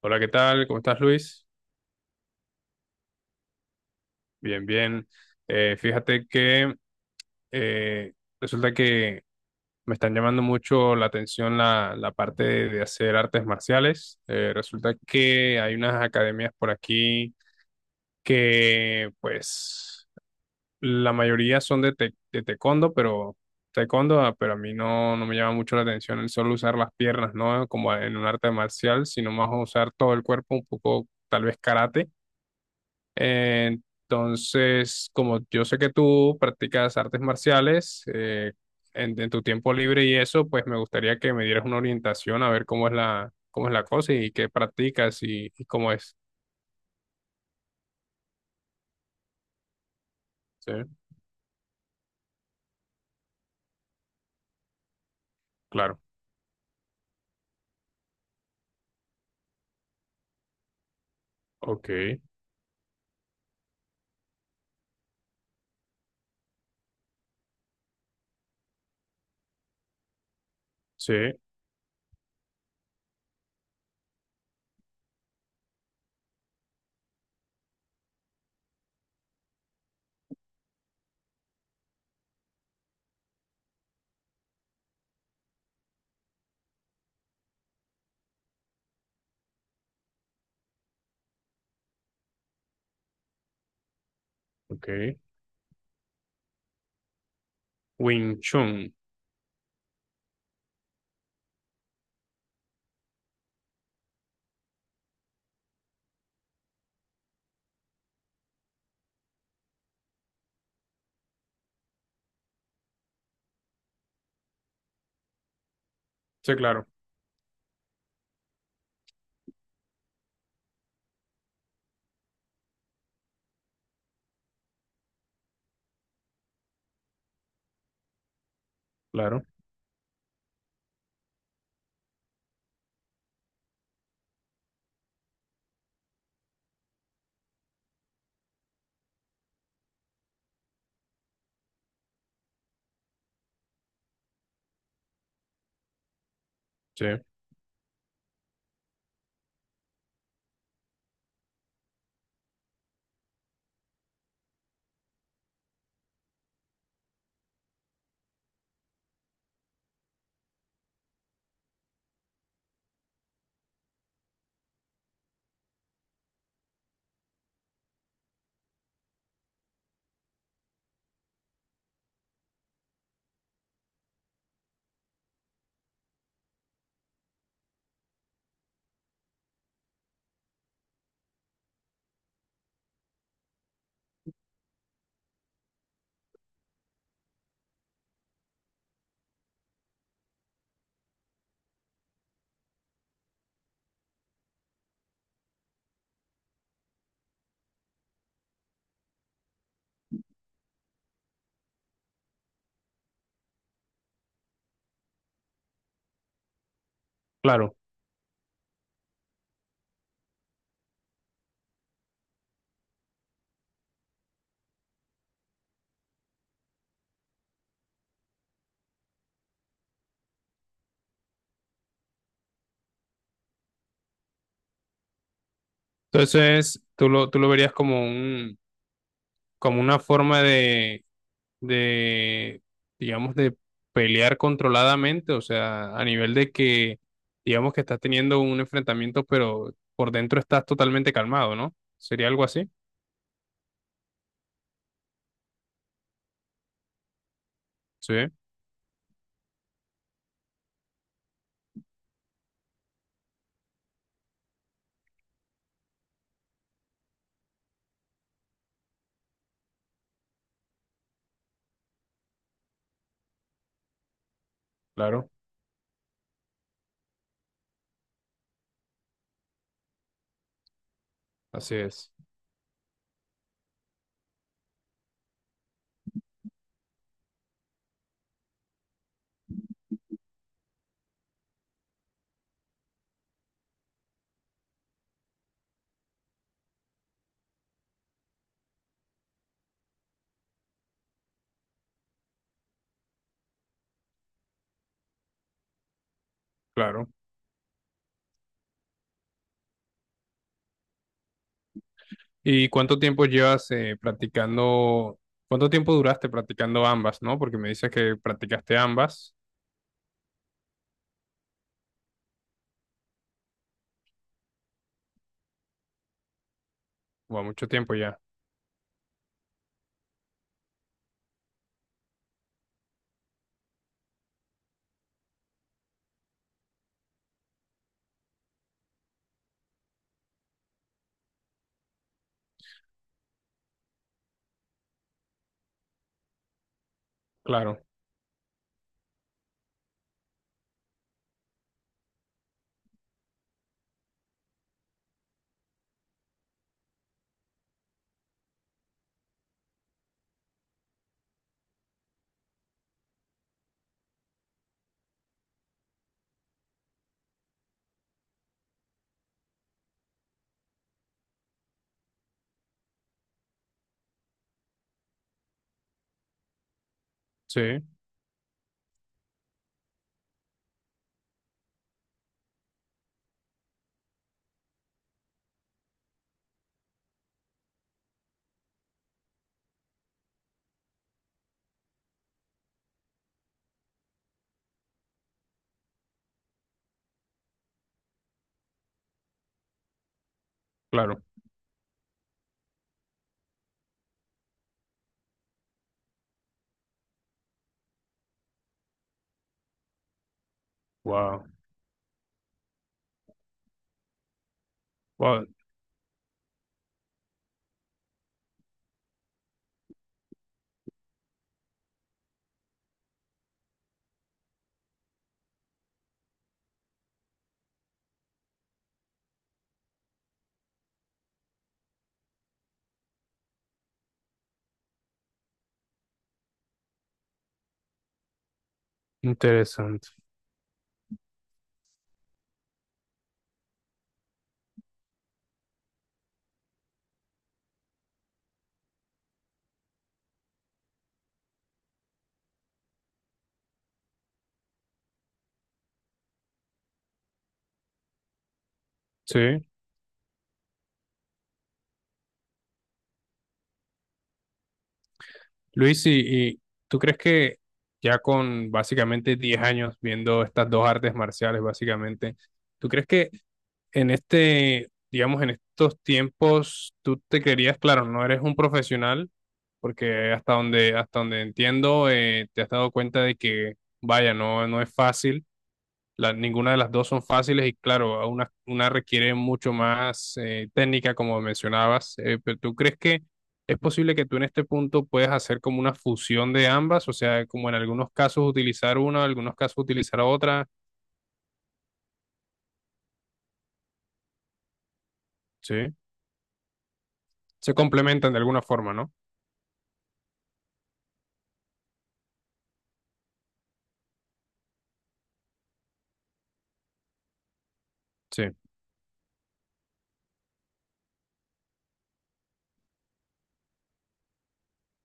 Hola, ¿qué tal? ¿Cómo estás, Luis? Bien, bien. Fíjate que eh, resulta que me están llamando mucho la atención la parte de hacer artes marciales. Resulta que hay unas academias por aquí que, pues, la mayoría son de taekwondo, pero taekwondo, ah, pero a mí no me llama mucho la atención el solo usar las piernas, ¿no? Como en un arte marcial, sino más usar todo el cuerpo, un poco, tal vez karate. Entonces, como yo sé que tú practicas artes marciales en tu tiempo libre y eso, pues me gustaría que me dieras una orientación a ver cómo es cómo es la cosa y qué practicas y cómo es. Sí, claro. Ok, sí, ok. Wing Chun. Sí, claro, claro, sí, claro. Entonces, tú lo verías como como una forma de de, digamos, de pelear controladamente, o sea, a nivel de que, digamos, que estás teniendo un enfrentamiento, pero por dentro estás totalmente calmado, ¿no? ¿Sería algo así? Sí, claro, así es, claro. ¿Y cuánto tiempo llevas practicando, cuánto tiempo duraste practicando ambas, ¿no? Porque me dices que practicaste ambas, o mucho tiempo ya, claro, sí, claro, wow, wow, interesante, sí, Luis, ¿y tú crees que ya con básicamente 10 años viendo estas dos artes marciales, básicamente, ¿tú crees que en este, digamos, en estos tiempos, tú te querías, claro, no eres un profesional, porque hasta donde entiendo, te has dado cuenta de que, vaya, no es fácil la- ninguna de las dos son fáciles y claro, una requiere mucho más técnica, como mencionabas, pero ¿tú crees que es posible que tú en este punto puedas hacer como una fusión de ambas? O sea, como en algunos casos utilizar una, en algunos casos utilizar otra, ¿sí? Se complementan de alguna forma, ¿no? Sí,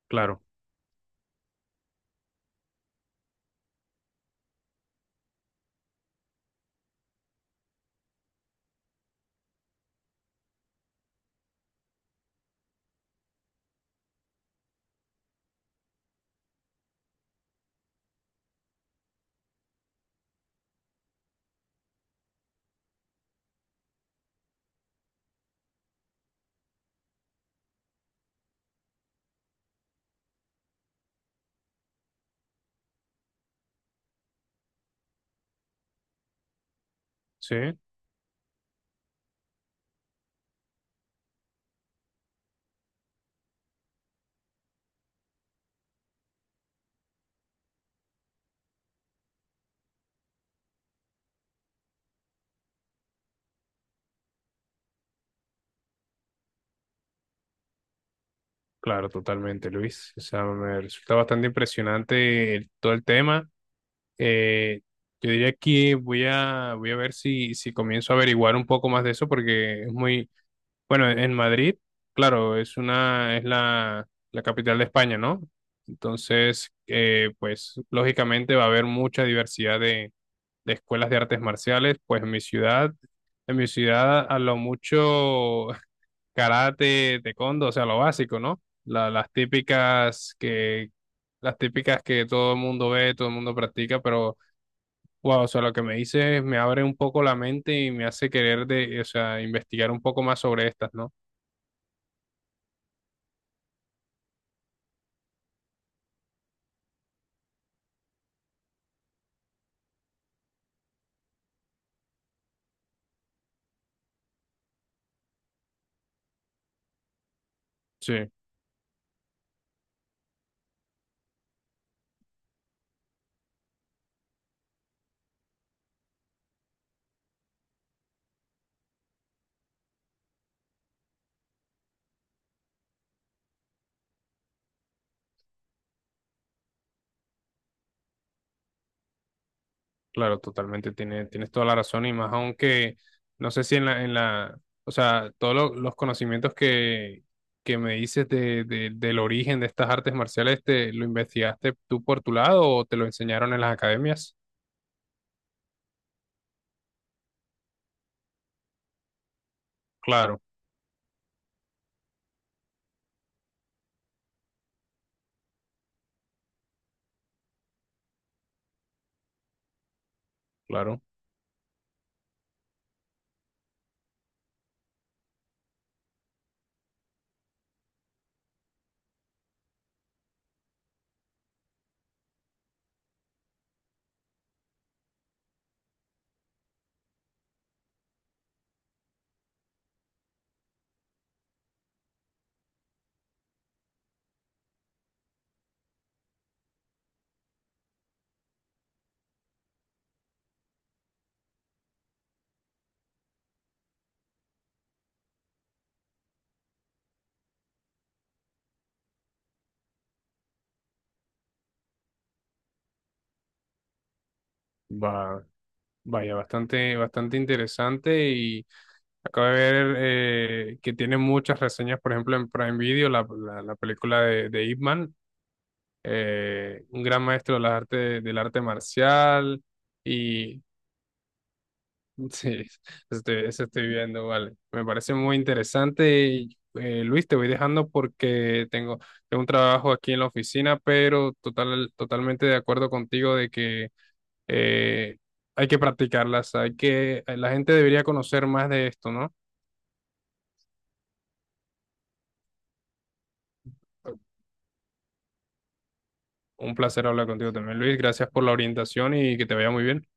claro, sí, claro, totalmente, Luis. O sea, me resulta bastante impresionante el- todo el tema. Eh, yo diría que voy a ver si comienzo a averiguar un poco más de eso porque es muy, bueno, en Madrid, claro, es una, es la capital de España, ¿no? Entonces, pues lógicamente va a haber mucha diversidad de escuelas de artes marciales. Pues en mi ciudad a lo mucho karate, taekwondo, o sea, lo básico, ¿no? La- las típicas que todo el mundo ve, todo el mundo practica, pero wow, o sea, lo que me dices me abre un poco la mente y me hace querer de, o sea, investigar un poco más sobre estas, ¿no? Sí. Claro, totalmente, tiene, tienes toda la razón y más aunque, no sé si en en la, o sea, todos lo- los conocimientos que me dices de- del origen de estas artes marciales, ¿te lo investigaste tú por tu lado o te lo enseñaron en las academias? Claro, claro, va, vaya, bastante, bastante interesante y acabo de ver que tiene muchas reseñas, por ejemplo, en Prime Video, la película de Ip Man, un gran maestro de las artes, del arte marcial y sí, eso estoy viendo, vale. Me parece muy interesante y Luis, te voy dejando porque tengo, tengo un trabajo aquí en la oficina, pero total, totalmente de acuerdo contigo de que eh, hay que practicarlas, hay que, la gente debería conocer más de esto, ¿no? Un placer hablar contigo también, Luis. Gracias por la orientación y que te vaya muy bien.